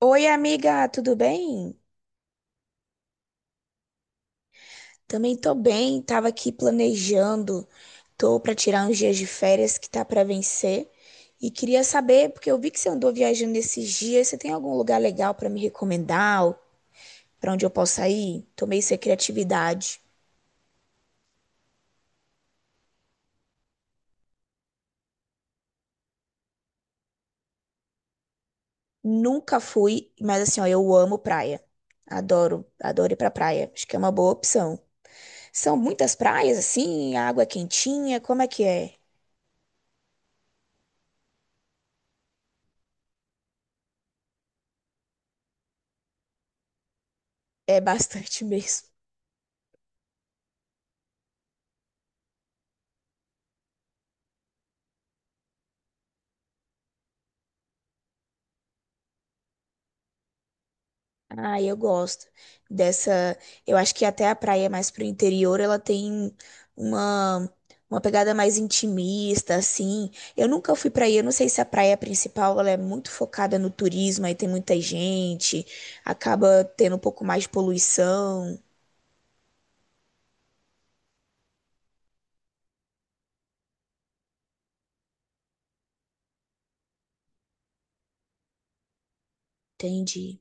Oi, amiga, tudo bem? Também tô bem, tava aqui planejando, tô pra tirar uns dias de férias que tá pra vencer e queria saber, porque eu vi que você andou viajando esses dias, você tem algum lugar legal pra me recomendar, ou pra onde eu possa ir? Tomei essa criatividade. Nunca fui, mas assim, ó, eu amo praia. Adoro, adoro ir pra praia. Acho que é uma boa opção. São muitas praias assim, a água é quentinha, como é que é? É bastante mesmo. Ah, eu gosto dessa. Eu acho que até a praia mais pro interior, ela tem uma uma pegada mais intimista, assim. Eu nunca fui pra aí, eu não sei se a praia principal ela é muito focada no turismo, aí tem muita gente, acaba tendo um pouco mais de poluição. Entendi.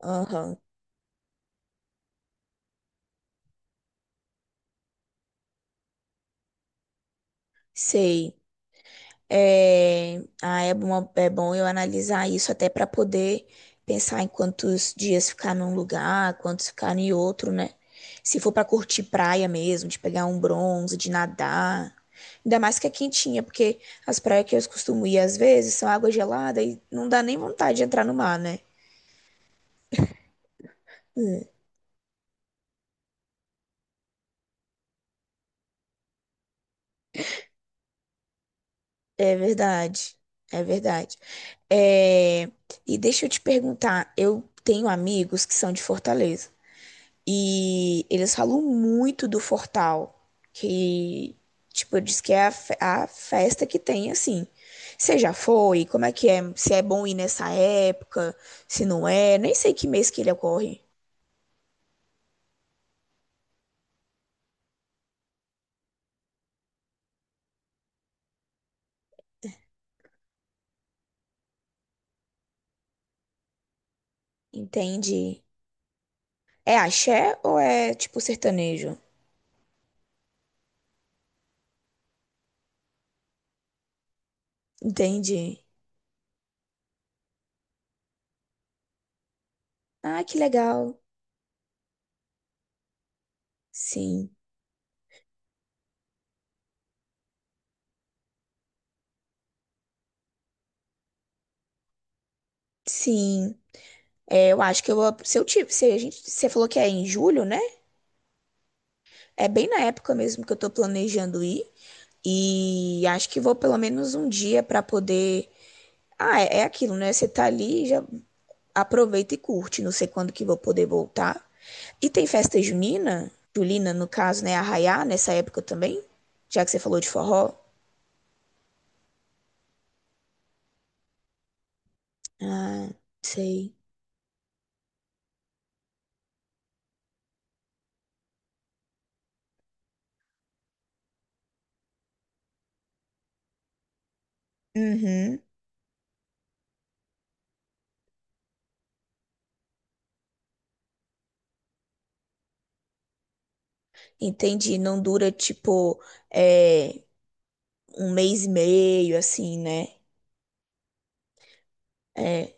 Aham, sei. É, ah, é bom eu analisar isso até para poder pensar em quantos dias ficar num lugar, quantos ficar em outro, né? Se for para curtir praia mesmo, de pegar um bronze, de nadar. Ainda mais que é quentinha, porque as praias que eu costumo ir às vezes são água gelada e não dá nem vontade de entrar no mar, né? Hum. É verdade, é verdade. É, e deixa eu te perguntar, eu tenho amigos que são de Fortaleza. E eles falam muito do Fortal, que, tipo, diz que é a, a festa que tem, assim. Você já foi? Como é que é? Se é bom ir nessa época, se não é? Nem sei que mês que ele ocorre. Entende? É axé ou é, tipo, sertanejo? Entendi. Ah, que legal. Sim, sim. É, eu acho que eu, se eu tive, se a gente, você falou que é em julho, né? É bem na época mesmo que eu tô planejando ir. E acho que vou pelo menos um dia para poder. Ah, é, é aquilo, né? Você tá ali, já aproveita e curte. Não sei quando que vou poder voltar. E tem festa junina, Julina, no caso, né? Arraiá, nessa época também. Já que você falou de forró. Ah, sei. Uhum, entendi. Não dura tipo é, um mês e meio, assim, né? É,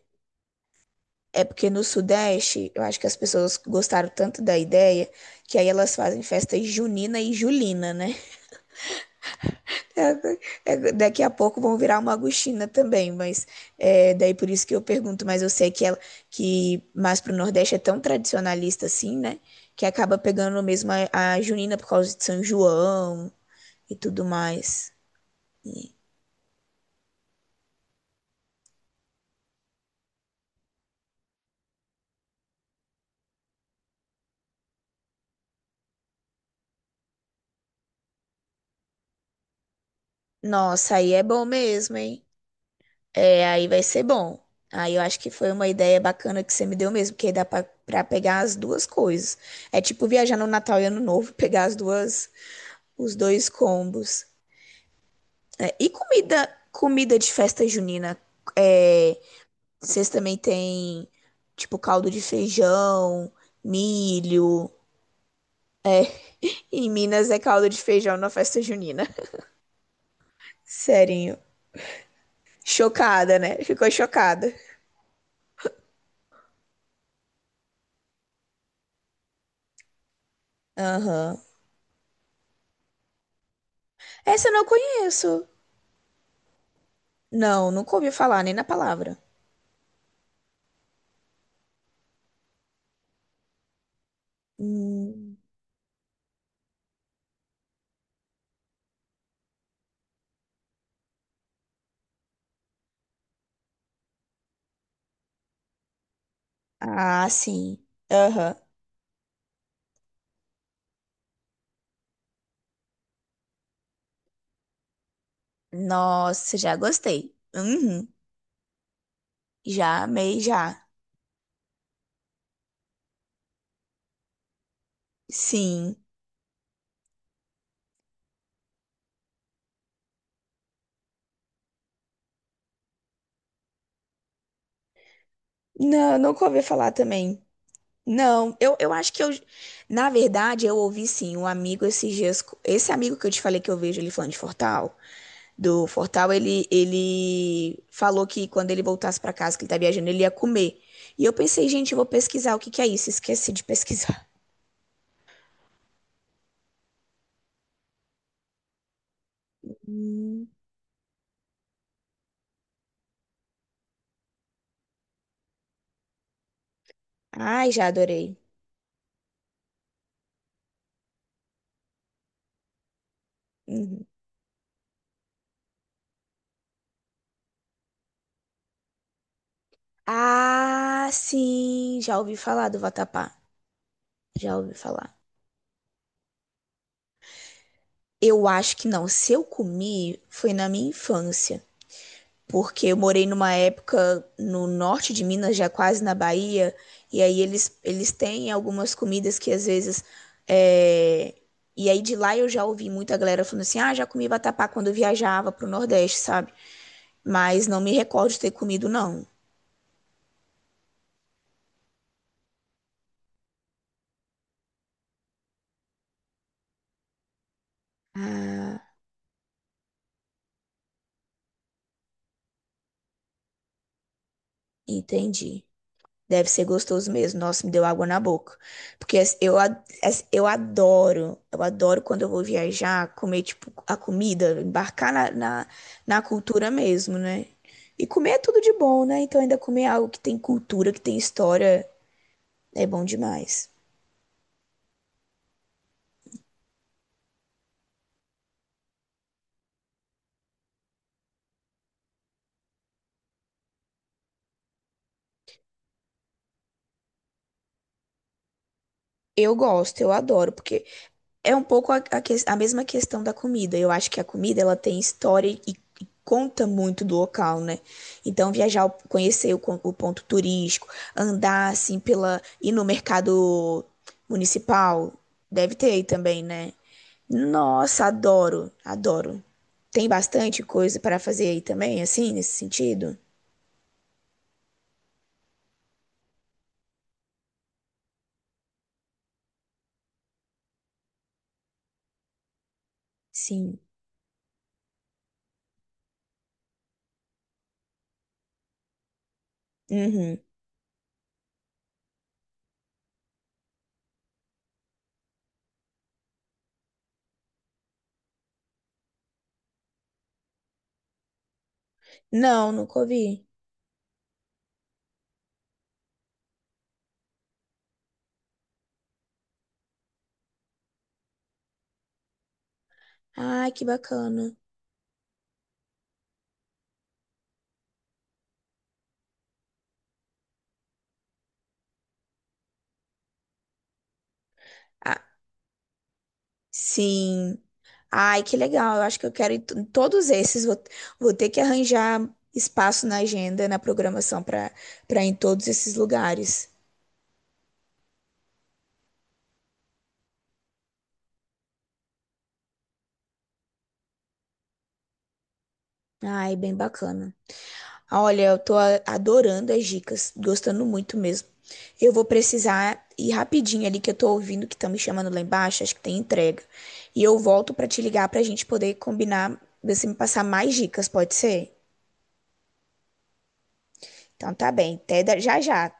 é porque no Sudeste, eu acho que as pessoas gostaram tanto da ideia que aí elas fazem festa junina e julina, né? É, é, daqui a pouco vão virar uma agostina também, mas é, daí por isso que eu pergunto, mas eu sei que ela que mais pro Nordeste é tão tradicionalista assim, né? Que acaba pegando mesmo a junina por causa de São João e tudo mais. E, nossa, aí é bom mesmo, hein? É, aí vai ser bom. Aí eu acho que foi uma ideia bacana que você me deu mesmo, porque aí dá pra pegar as duas coisas. É tipo viajar no Natal e Ano Novo, pegar as duas, os dois combos. É, e comida, comida de festa junina. É, vocês também têm tipo caldo de feijão, milho. Em Minas é caldo de feijão na festa junina. Serinho. Chocada, né? Ficou chocada. Aham. Essa eu não conheço. Não, nunca ouvi falar nem na palavra. Hum. Ah, sim. Aham. Nossa, já gostei. Uhum. Já amei, já. Sim. Não, nunca ouvi falar também. Não, eu acho que eu. Na verdade, eu ouvi sim um amigo esses dias. Esse amigo que eu te falei que eu vejo ele falando de Fortal, do Fortal, ele falou que quando ele voltasse pra casa, que ele tá viajando, ele ia comer. E eu pensei, gente, eu vou pesquisar o que que é isso. Esqueci de pesquisar. Ai, já adorei. Uhum. Ah, sim, já ouvi falar do vatapá. Já ouvi falar. Eu acho que não. Se eu comi, foi na minha infância. Porque eu morei numa época no norte de Minas, já quase na Bahia. E aí eles têm algumas comidas que às vezes. É, e aí de lá eu já ouvi muita galera falando assim: ah, já comi vatapá quando eu viajava pro Nordeste, sabe? Mas não me recordo de ter comido, não. Ah, entendi. Deve ser gostoso mesmo. Nossa, me deu água na boca. Porque eu adoro quando eu vou viajar, comer, tipo, a comida, embarcar na cultura mesmo, né? E comer é tudo de bom, né? Então ainda comer é algo que tem cultura, que tem história, é bom demais. Eu gosto, eu adoro, porque é um pouco a mesma questão da comida. Eu acho que a comida ela tem história e conta muito do local, né? Então viajar, conhecer o ponto turístico, andar assim pela, ir no mercado municipal, deve ter aí também, né? Nossa, adoro, adoro. Tem bastante coisa para fazer aí também, assim, nesse sentido? Sim. Uhum. Não, nunca ouvi. Ai, que bacana. Ah, sim. Ai, que legal. Eu acho que eu quero ir em todos esses. Vou, vou ter que arranjar espaço na agenda, na programação para ir em todos esses lugares. Ai, bem bacana. Olha, eu tô adorando as dicas, gostando muito mesmo. Eu vou precisar ir rapidinho ali que eu tô ouvindo que estão me chamando lá embaixo, acho que tem entrega. E eu volto pra te ligar pra gente poder combinar, você me passar mais dicas, pode ser? Então tá bem. Até já já.